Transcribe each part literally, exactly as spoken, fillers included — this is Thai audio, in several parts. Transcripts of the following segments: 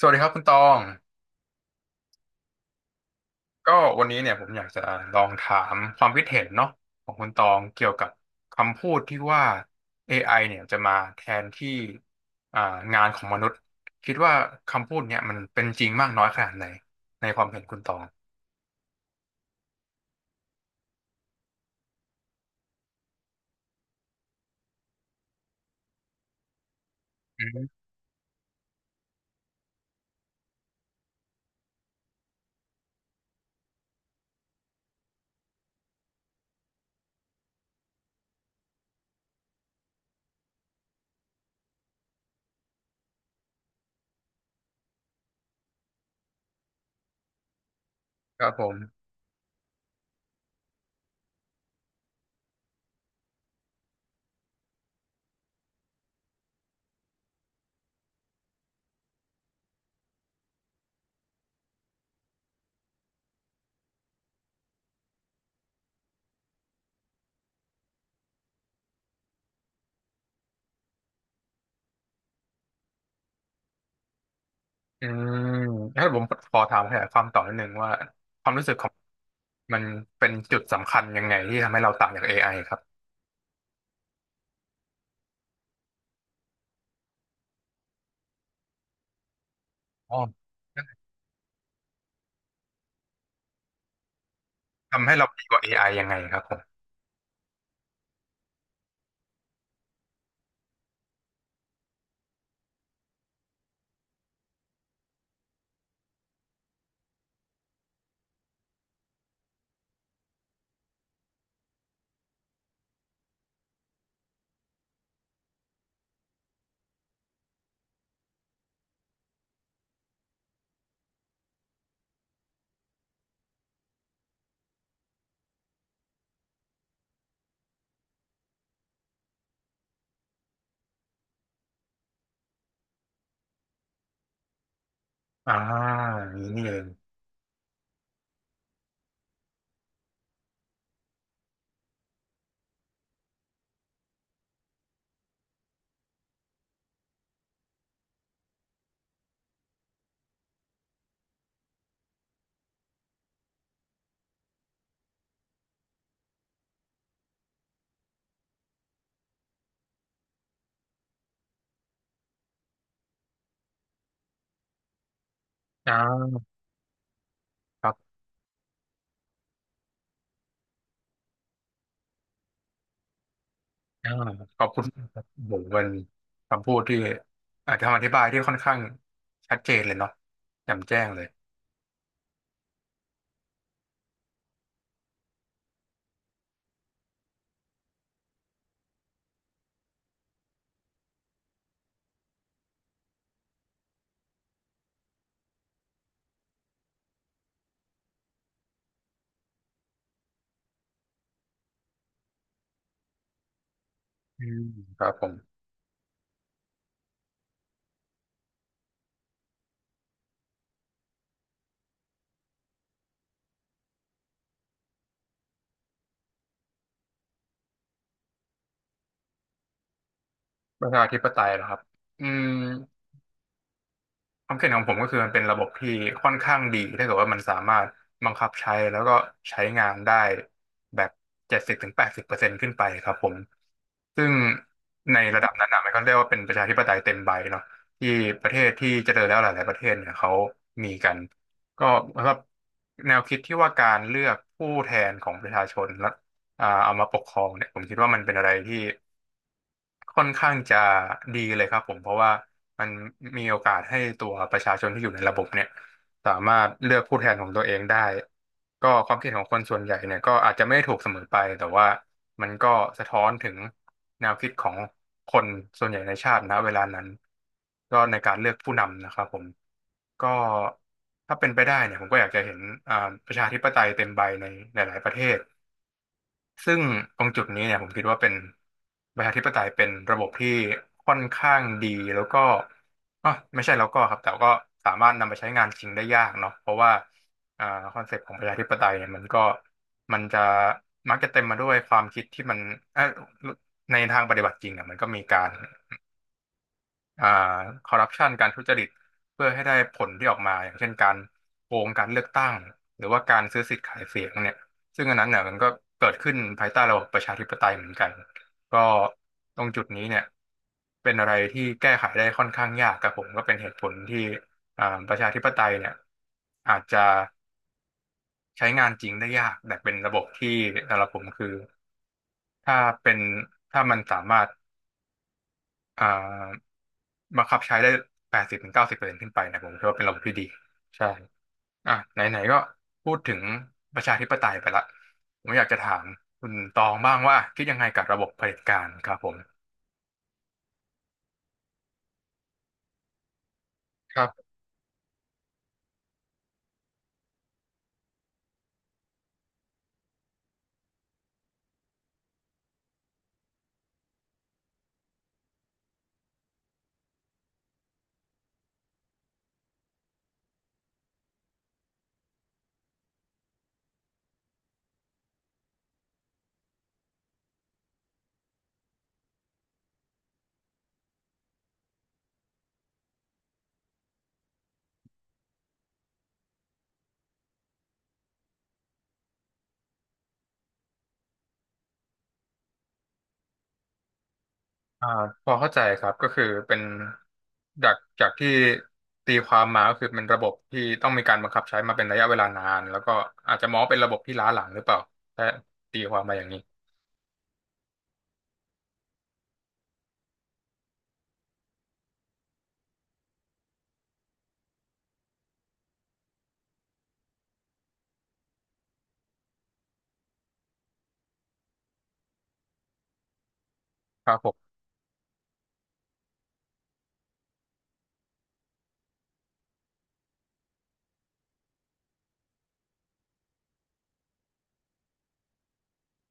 สวัสดีครับคุณตอง ก็วันนี้เนี่ยผมอยากจะลองถามความคิดเห็นเนาะของคุณตองเกี่ยวกับคำพูดที่ว่า เอ ไอ เนี่ยจะมาแทนที่อ่างานของมนุษย์คิดว่าคำพูดเนี่ยมันเป็นจริงมากน้อยขนาดไหนในความเห็นคุณตองอืมครับผมอืมถ้าผมขอถามขยายความต่อนิดนึงว่าความรู้สึกของมันเป็นจุดสำคัญยังไงที่ทำให้เราต่างจาก เอ ไอ ครับอ๋อทำให้เราดีกว่า เอ ไอ ยังไงครับผมอ่าอย่างนี้นี่เอง อ่าครับอ่าขอบคุณบากครับโหเป็นคำพูดที่อาจจะคำอธิบายที่ค่อนข้างชัดเจนเลยเนาะแจ่มแจ้งเลยอืมครับผมประชาธิปไตยเหรอครับอืม ความคิดเห็นของผมก็คือมันเป็นระบบที่ค่อนข้างดีถ้าเกิดว่ามันสามารถบังคับใช้แล้วก็ใช้งานได้แบบเจ็ดสิบถึงแปดสิบเปอร์เซ็นต์ขึ้นไปครับผมซึ่งในระดับนั้นนะมันก็เรียกว่าเป็นประชาธิปไตยเต็มใบเนาะที่ประเทศที่เจริญแล้วหลายๆประเทศเนี่ยเขามีกันก็ครับแนวคิดที่ว่าการเลือกผู้แทนของประชาชนและอ่าเอามาปกครองเนี่ยผมคิดว่ามันเป็นอะไรที่ ค่อนข้างจะดีเลยครับผมเพราะว่ามันมีโอกาสให้ตัวประชาชนที่อยู่ในระบบเนี่ยสามารถเลือกผู้แทนของตัวเองได้ก็ความคิดของคนส่วนใหญ่เนี่ยก็อาจจะไม่ถูกเสมอไปแต่ว่ามันก็สะท้อนถึงแนวคิดของคนส่วนใหญ่ในชาตินะเวลานั้นก็ในการเลือกผู้นำนะครับผมก็ถ้าเป็นไปได้เนี่ยผมก็อยากจะเห็นอ่าประชาธิปไตยเต็มใบในหลายๆประเทศ ซึ่งตรงจุดนี้เนี่ยผมคิดว่าเป็นประชาธิปไตยเป็นระบบที่ค่อนข้างดีแล้วก็อ๋อไม่ใช่แล้วก็ครับแต่ก็สามารถนำไปใช้งานจริงได้ยากเนาะเพราะว่าอ่าคอนเซปต์ของประชาธิปไตยเนี่ยมันก็มันจะมักจะเต็มมาด้วยความคิดที่มันเออในทางปฏิบัติจริงอ่ะมันก็มีการ อ่าคอร์รัปชันการทุจริตเพื่อให้ได้ผลที่ออกมาอย่างเช่นการโกงการเลือกตั้งหรือว่าการซื้อสิทธิ์ขายเสียงเนี่ยซึ่งอันนั้นเนี่ยมันก็เกิดขึ้นภายใต้ระบบประชาธิปไตยเหมือนกันก็ตรงจุดนี้เนี่ยเป็นอะไรที่แก้ไขได้ค่อนข้างยากกับผมก็เป็นเหตุผลที่อ่าประชาธิปไตยเนี่ยอาจจะใช้งานจริงได้ยากแต่เป็นระบบที่สำหรับผมคือถ้าเป็นถ้ามันสามารถอ่า บังคับใช้ได้แปดสิบถึงเก้าสิบเปอร์เซ็นต์ขึ้นไปนะผมคิดว่าเป็นระบบที่ดีใช่อ่ะไหนๆก็พูดถึงประชาธิปไตยไปละผมอยากจะถามคุณตองบ้างว่าคิดยังไงกับระบบเผด็จการครับผมครับอ่าพอเข้าใจครับก็คือเป็นจากจากที่ตีความมาก็คือเป็นระบบที่ต้องมีการบังคับใช้มาเป็นระยะเวลานานแล้วก็อาจจะมองว่าเป็นระบบที่ล้าหลังหรือเปล่าถ้าตีความมาอย่างนี้ครับผม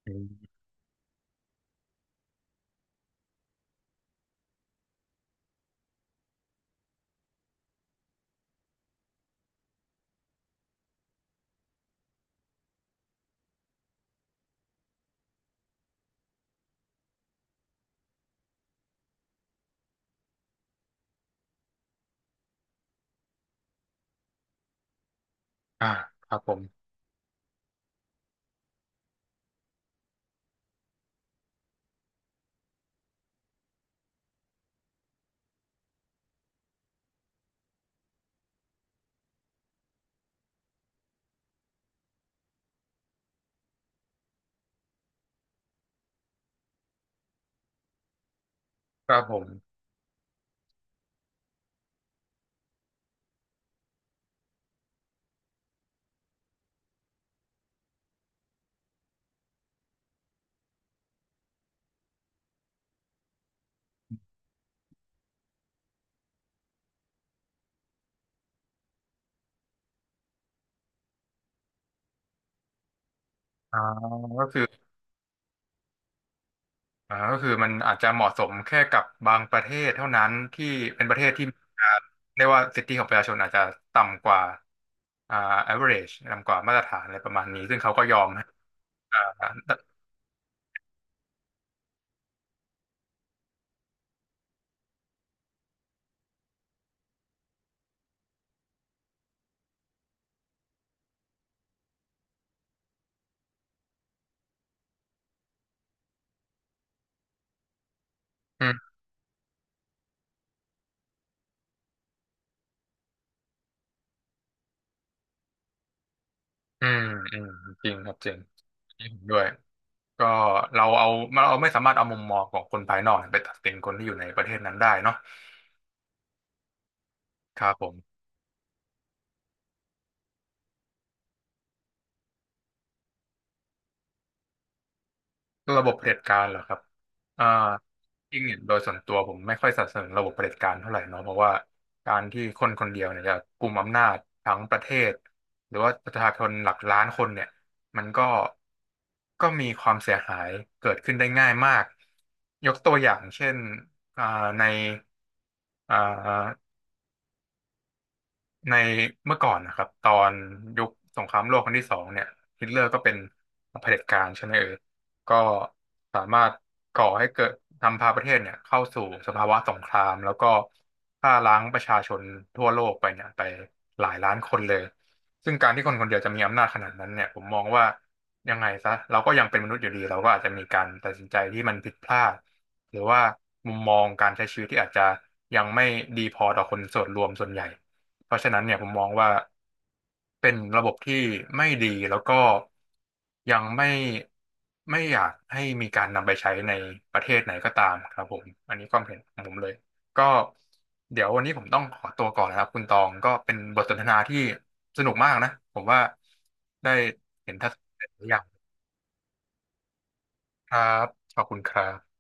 อืมอ่าครับผมครับผมอ่าก็คือ อ่าก็คือมันอาจจะเหมาะสมแค่กับบางประเทศเท่านั้นที่เป็นประเทศที่มีการเรียกว่าสิทธิของประชาชนอาจจะต่ำกว่าอ่า average ต่ำกว่ามาตรฐานอะไรประมาณนี้ซึ่งเขาก็ยอมให้อ่าอืมอืมอืมจริงครับจริงอัเ็นด้วยก็เราเอาเราไม่สามารถเอามุมมองของคนภายนอกไปตัดสินคนที่อยู่ในประเทศนั้นได้เนาะครับผม ระบบเผด็จการเหรอครับอ่าจริงเนี่ยโดยส่วนตัวผมไม่ค่อยสนับสนุนระบบเผด็จการเท่าไหร่เนาะเพราะว่าการที่คนคนเดียวเนี่ยจะกุมอำนาจทั้งประเทศหรือว่าประชาชนหลักล้านคนเนี่ยมันก็ก็มีความเสียหายเกิดขึ้นได้ง่ายมาก ยกตัวอย่างเช่นอ่าในอ่า ในเมื่อก่อนนะครับตอนยุคสงครามโลกครั้งที่สองเนี่ยฮิตเลอร์ก็เป็นเผด็จการใช่ไหมเออก็สามารถก่อให้เกิดทำพาประเทศเนี่ยเข้าสู่สภาวะสงครามแล้วก็ฆ่าล้างประชาชนทั่วโลกไปเนี่ยไปหลายล้านคนเลยซึ่งการที่คนคนเดียวจะมีอำนาจขนาดนั้นเนี่ยผมมองว่ายังไงซะเราก็ยังเป็นมนุษย์อยู่ดีเราก็อาจจะมีการตัดสินใจที่มันผิดพลาดหรือว่ามุมมองการใช้ชีวิตที่อาจจะยังไม่ดีพอต่อคนส่วนรวมส่วนใหญ่ เพราะฉะนั้นเนี่ยผมมองว่าเป็นระบบที่ไม่ดีแล้วก็ยังไม่ไม่อยากให้มีการนำไปใช้ในประเทศไหนก็ตามครับผมอันนี้ความเห็นของผมเลยก็เดี๋ยววันนี้ผมต้องขอตัวก่อนนะครับคุณตองก็เป็นบทสนทนาที่สนุกมากนะผมว่าได้เห็นทัศนคติหลายอย่างครับขอบคุณครับ